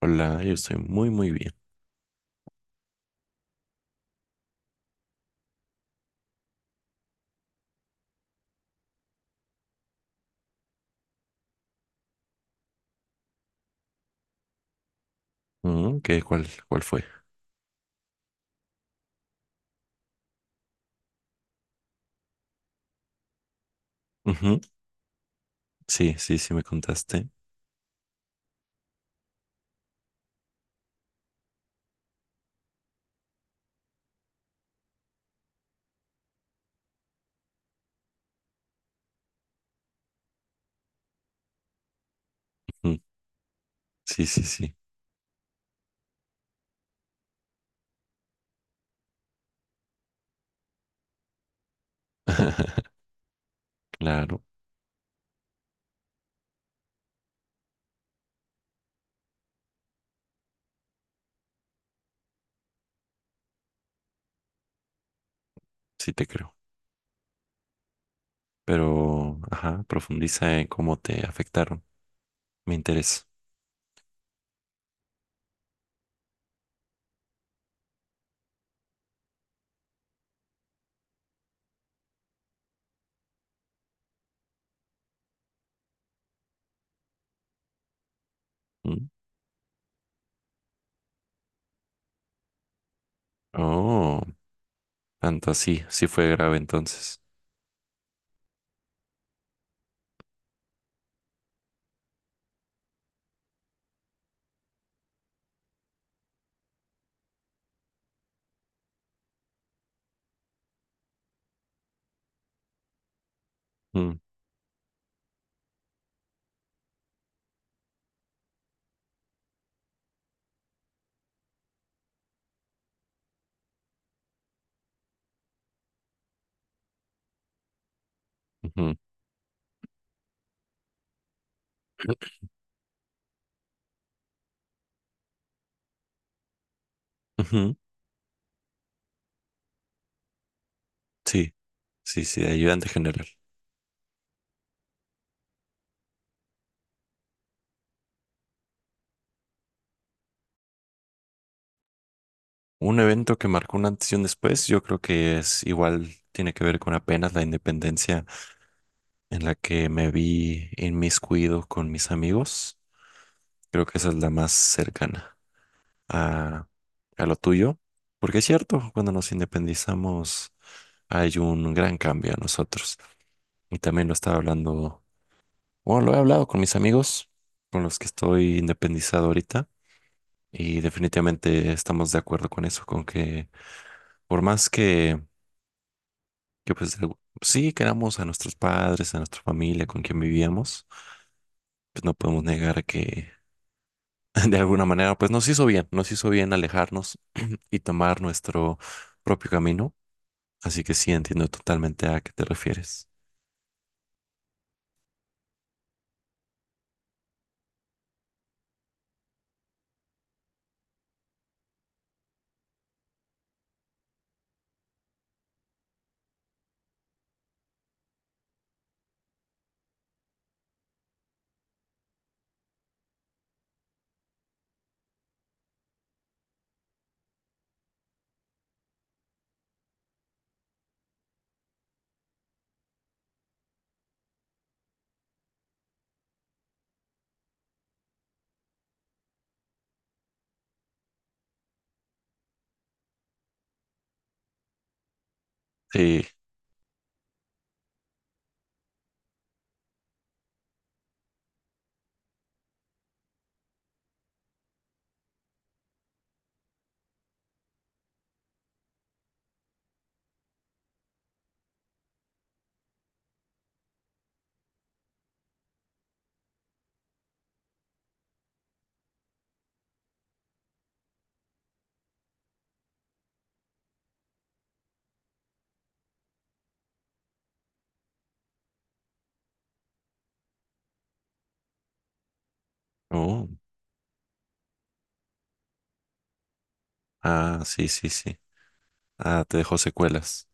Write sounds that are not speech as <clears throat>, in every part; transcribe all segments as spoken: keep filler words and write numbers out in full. Hola, yo estoy muy, muy bien. Ujú. ¿Qué, cuál, cuál fue? Ujú. Sí, sí, sí, me contaste. Ujú. Sí, sí, sí. <laughs> Claro, sí te creo. Pero, ajá, profundiza en cómo te afectaron. Me interesa. Mm. Oh, tanto así. Sí fue grave entonces. Mm, ujú, ujú. Sí, sí, sí, de ayudante general. Un evento que marcó un antes y un después, yo creo que es igual, tiene que ver con apenas la independencia en la que me vi inmiscuido con mis amigos. Creo que esa es la más cercana a, a lo tuyo, porque es cierto, cuando nos independizamos hay un gran cambio a nosotros. Y también lo estaba hablando, bueno, lo he hablado con mis amigos, con los que estoy independizado ahorita, y definitivamente estamos de acuerdo con eso, con que por más que, que pues de- sí queramos a nuestros padres, a nuestra familia, con quien vivíamos, pues no podemos negar que <laughs> de alguna manera, pues nos hizo bien, nos hizo bien alejarnos y tomar nuestro propio camino. Así que sí, entiendo totalmente a qué te refieres. Sí, oh, ah, sí, sí, sí. Ah, te dejó secuelas.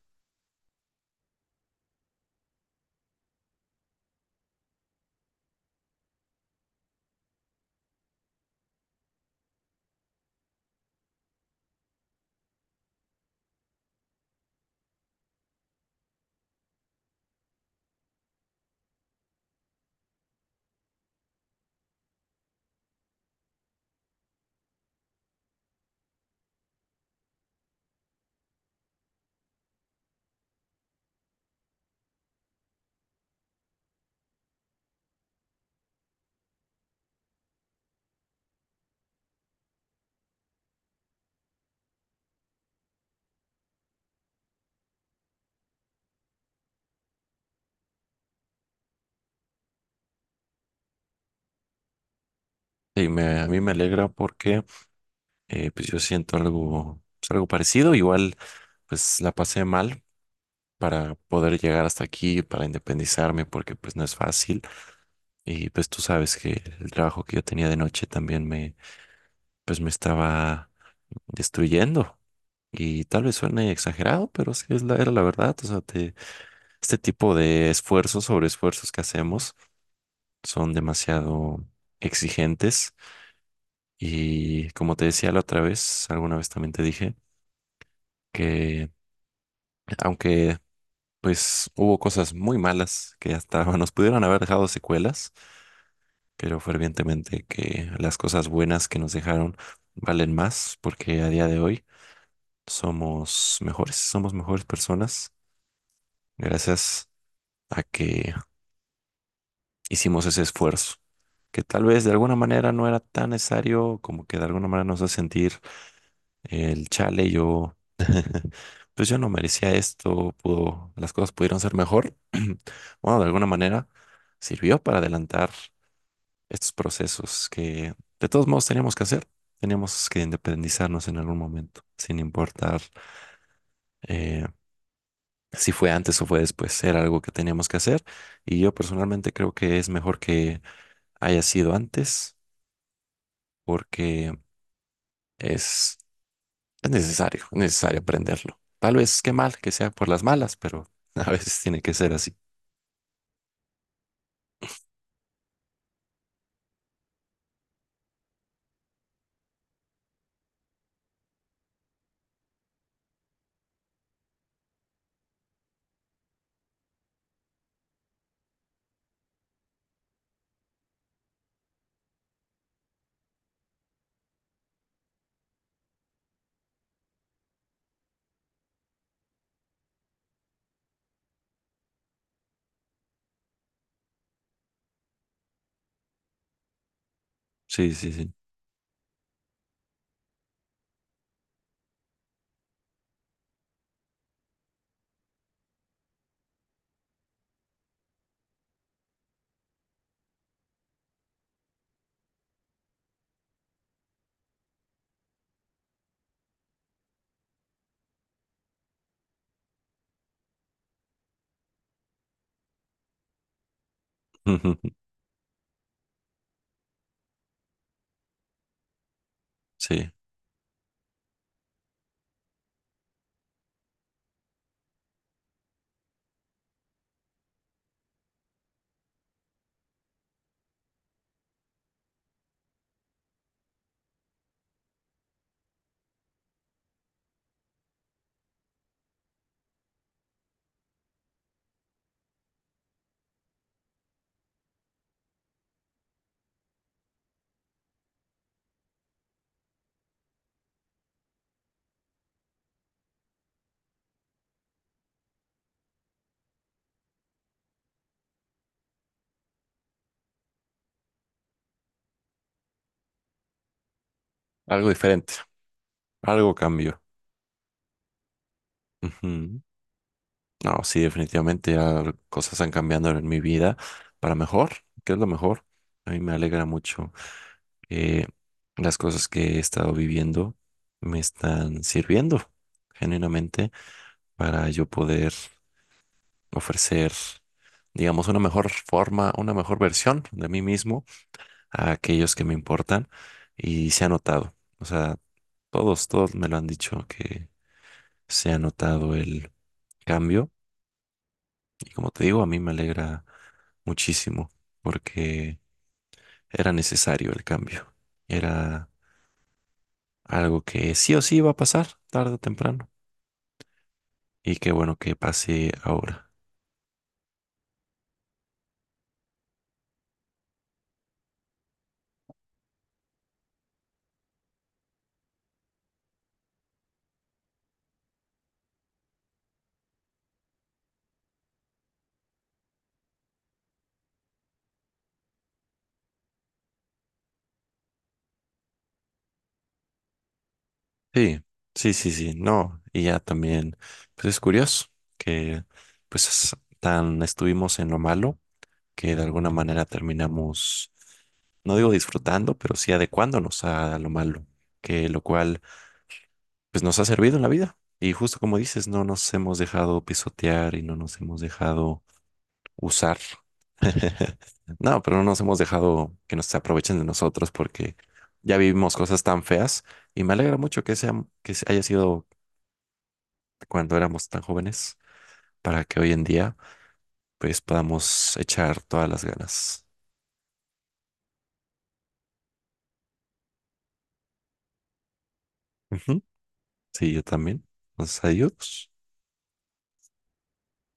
Sí, me, a mí me alegra porque eh, pues yo siento algo, pues, algo parecido. Igual, pues la pasé mal para poder llegar hasta aquí, para independizarme, porque pues no es fácil. Y pues tú sabes que el trabajo que yo tenía de noche también me, pues me estaba destruyendo. Y tal vez suene exagerado, pero sí es la, era la verdad. O sea, te- este tipo de esfuerzos sobre esfuerzos que hacemos son demasiado exigentes. Y como te decía la otra vez, alguna vez también te dije que aunque pues hubo cosas muy malas que hasta <laughs> nos pudieron haber dejado secuelas, creo fervientemente que las cosas buenas que nos dejaron valen más porque a día de hoy somos mejores, somos mejores personas gracias a que hicimos ese esfuerzo, que tal vez de alguna manera no era tan necesario, como que de alguna manera nos hace sentir eh, el chale, yo, pues yo no merecía esto, pudo, las cosas pudieron ser mejor. <clears throat> Bueno, de alguna manera sirvió para adelantar estos procesos que de todos modos teníamos que hacer. Teníamos que independizarnos en algún momento, sin importar eh, si fue antes o fue después. Era algo que teníamos que hacer y yo personalmente creo que es mejor que haya sido antes porque es, es necesario, es necesario aprenderlo. Tal vez qué mal que sea por las malas, pero <laughs> a veces tiene que ser así. Sí, sí, sí. Ujú. Sí, algo diferente, algo cambió. Ujú. No, sí, definitivamente ya cosas han cambiando en mi vida para mejor, que es lo mejor. A mí me alegra mucho que las cosas que he estado viviendo me están sirviendo genuinamente para yo poder ofrecer, digamos, una mejor forma, una mejor versión de mí mismo a aquellos que me importan y se ha notado. O sea, todos, todos me lo han dicho que se ha notado el cambio y como te digo, a mí me alegra muchísimo porque era necesario el cambio. Era algo que sí o sí iba a pasar tarde o temprano y qué bueno que pase ahora. Sí, sí, sí, sí, no, y ya también, pues es curioso que pues es- tan estuvimos en lo malo que de alguna manera terminamos, no digo disfrutando, pero sí adecuándonos a lo malo, que lo cual pues nos ha servido en la vida. Y justo como dices, no nos hemos dejado pisotear y no nos hemos dejado usar, no, pero no nos hemos dejado que nos aprovechen de nosotros porque ya vivimos cosas tan feas y me alegra mucho que sea, que haya sido cuando éramos tan jóvenes para que hoy en día pues podamos echar todas las ganas. Ujú. Sí, yo también. Entonces, adiós.